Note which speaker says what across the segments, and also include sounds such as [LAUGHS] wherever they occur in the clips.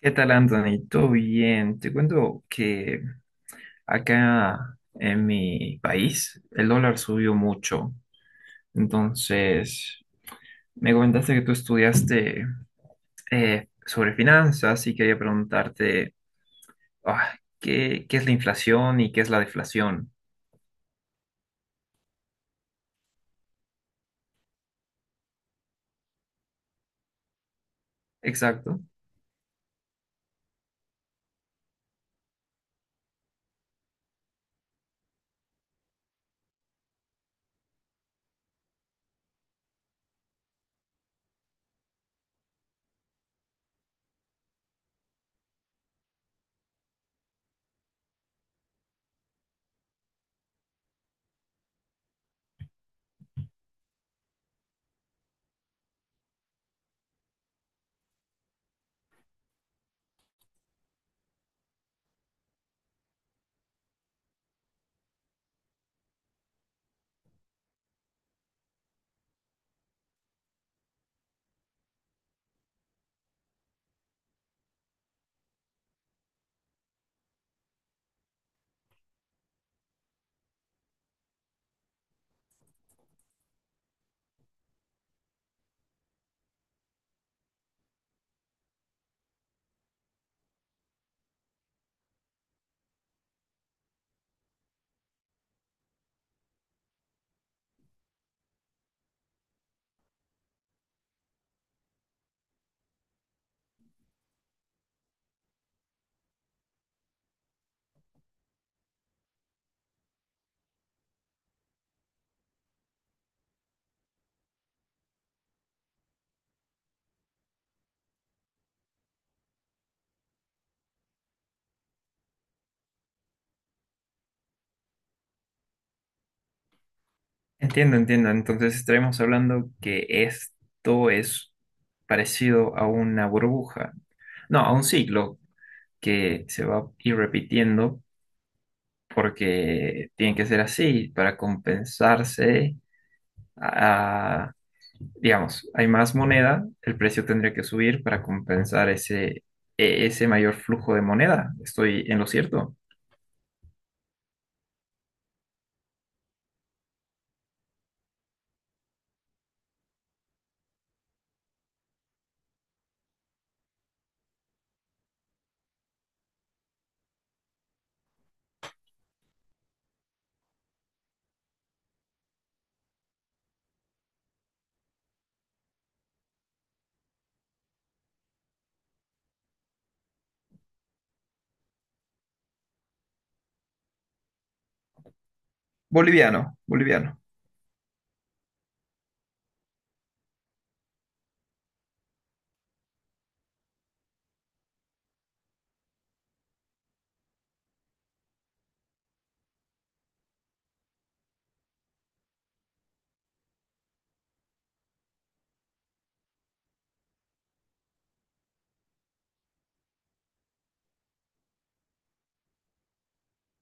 Speaker 1: ¿Qué tal, Anthony? ¿Todo bien? Te cuento que acá en mi país el dólar subió mucho. Entonces, me comentaste que tú estudiaste sobre finanzas y quería preguntarte ah, ¿qué es la inflación y qué es la deflación? Exacto. Entiendo, entiendo. Entonces, estaremos hablando que esto es parecido a una burbuja. No, a un ciclo que se va a ir repitiendo porque tiene que ser así para compensarse. a- digamos, hay más moneda, el precio tendría que subir para compensar ese mayor flujo de moneda. Estoy en lo cierto. Boliviano, boliviano.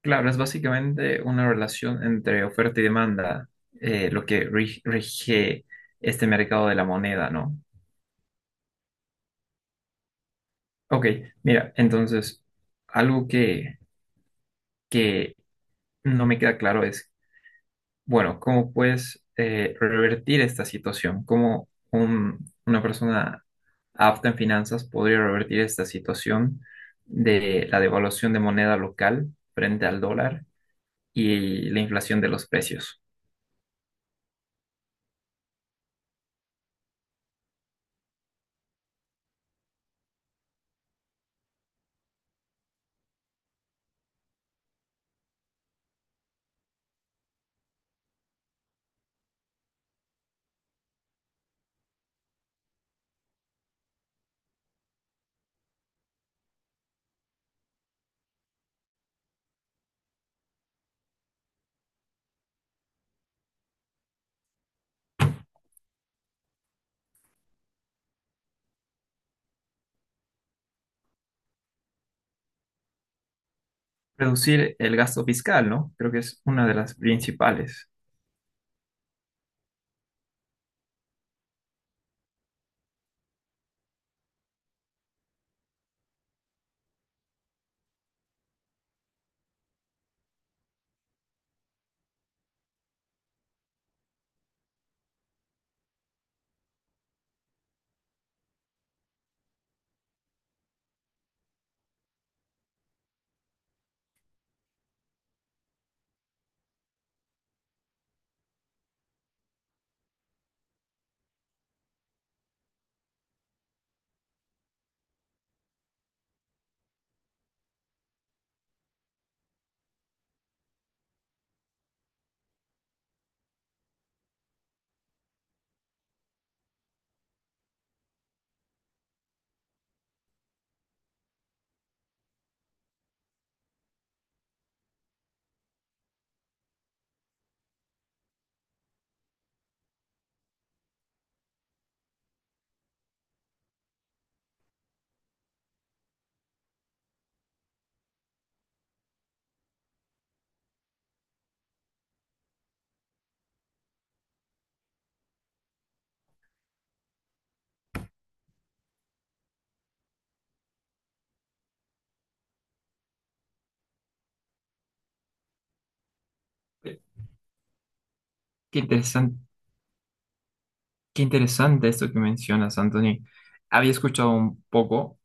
Speaker 1: Claro, es básicamente una relación entre oferta y demanda, lo que rige este mercado de la moneda, ¿no? Ok, mira, entonces, algo que no me queda claro es bueno, ¿cómo puedes revertir esta situación? ¿Cómo una persona apta en finanzas podría revertir esta situación de la devaluación de moneda local frente al dólar y la inflación de los precios? Reducir el gasto fiscal, ¿no? Creo que es una de las principales. Qué interesante, qué interesante esto que mencionas, Anthony. Había escuchado un poco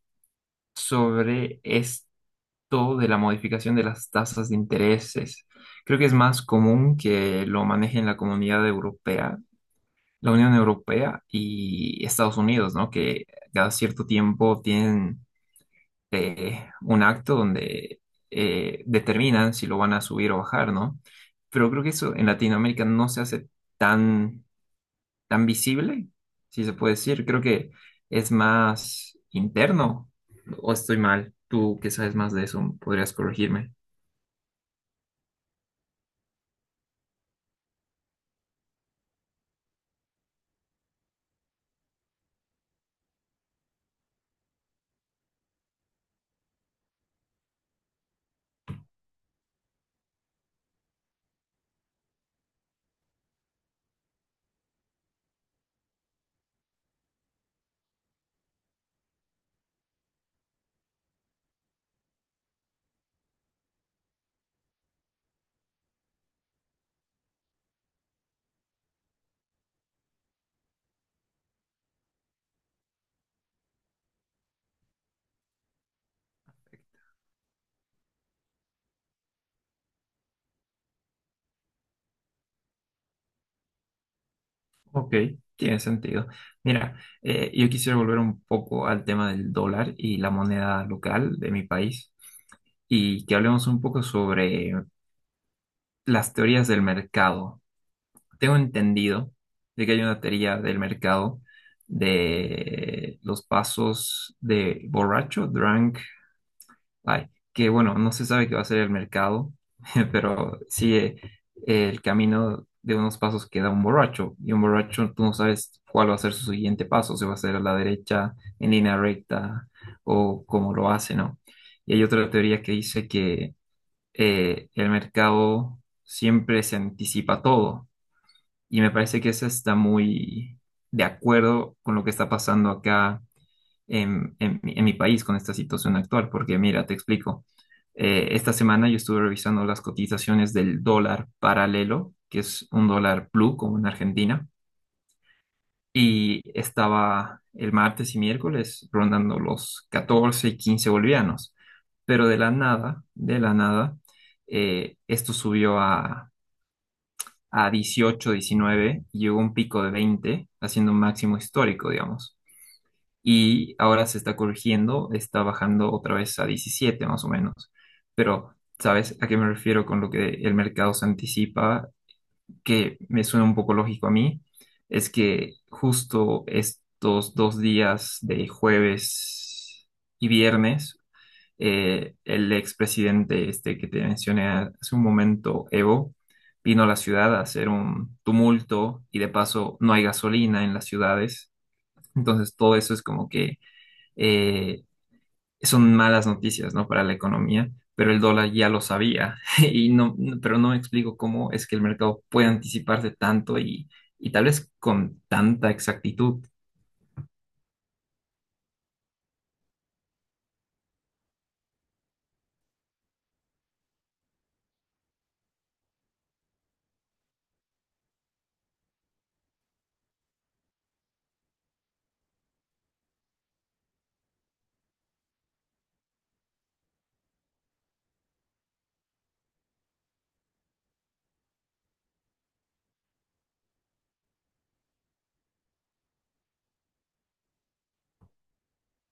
Speaker 1: sobre todo de la modificación de las tasas de intereses. Creo que es más común que lo maneje en la Comunidad Europea, la Unión Europea y Estados Unidos, ¿no? Que cada cierto tiempo tienen un acto donde determinan si lo van a subir o bajar, ¿no? Pero creo que eso en Latinoamérica no se hace tan, tan visible, si se puede decir. Creo que es más interno, o estoy mal. Tú que sabes más de eso, podrías corregirme. Ok, tiene sentido. Mira, yo quisiera volver un poco al tema del dólar y la moneda local de mi país y que hablemos un poco sobre las teorías del mercado. Tengo entendido de que hay una teoría del mercado de los pasos de borracho, drunk. Ay, que bueno, no se sabe qué va a ser el mercado, [LAUGHS] pero sigue el camino de unos pasos que da un borracho. Y un borracho, tú no sabes cuál va a ser su siguiente paso, si va a ser a la derecha, en línea recta, o cómo lo hace, ¿no? Y hay otra teoría que dice que el mercado siempre se anticipa todo. Y me parece que esa está muy de acuerdo con lo que está pasando acá en mi país con esta situación actual, porque mira, te explico. Esta semana yo estuve revisando las cotizaciones del dólar paralelo, que es un dólar blue como en Argentina, y estaba el martes y miércoles rondando los 14 y 15 bolivianos, pero de la nada, esto subió a 18, 19 y llegó a un pico de 20, haciendo un máximo histórico, digamos. Y ahora se está corrigiendo, está bajando otra vez a 17 más o menos. Pero, ¿sabes a qué me refiero con lo que el mercado se anticipa? Que me suena un poco lógico a mí, es que justo estos dos días de jueves y viernes, el expresidente este que te mencioné hace un momento, Evo, vino a la ciudad a hacer un tumulto y de paso no hay gasolina en las ciudades. Entonces todo eso es como que eh, son malas noticias, ¿no? Para la economía, pero el dólar ya lo sabía. [LAUGHS] Y no, no, pero no me explico cómo es que el mercado puede anticiparse tanto y tal vez con tanta exactitud.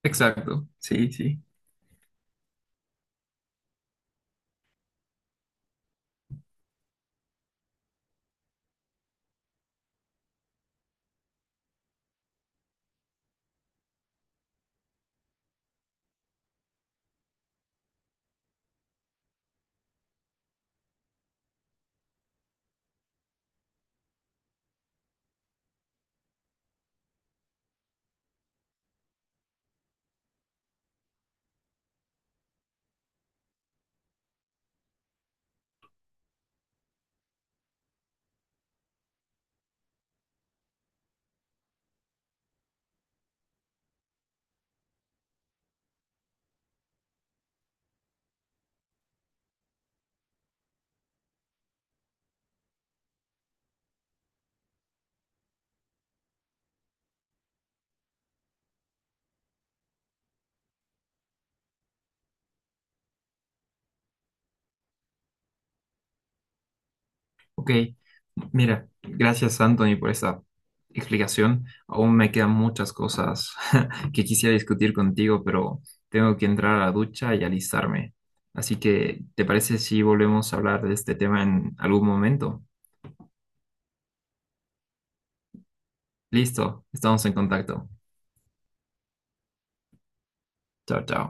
Speaker 1: Exacto, sí, sí. Ok, mira, gracias Anthony por esta explicación. Aún me quedan muchas cosas [LAUGHS] que quisiera discutir contigo, pero tengo que entrar a la ducha y alistarme. Así que, ¿te parece si volvemos a hablar de este tema en algún momento? Listo, estamos en contacto. Chao, chao.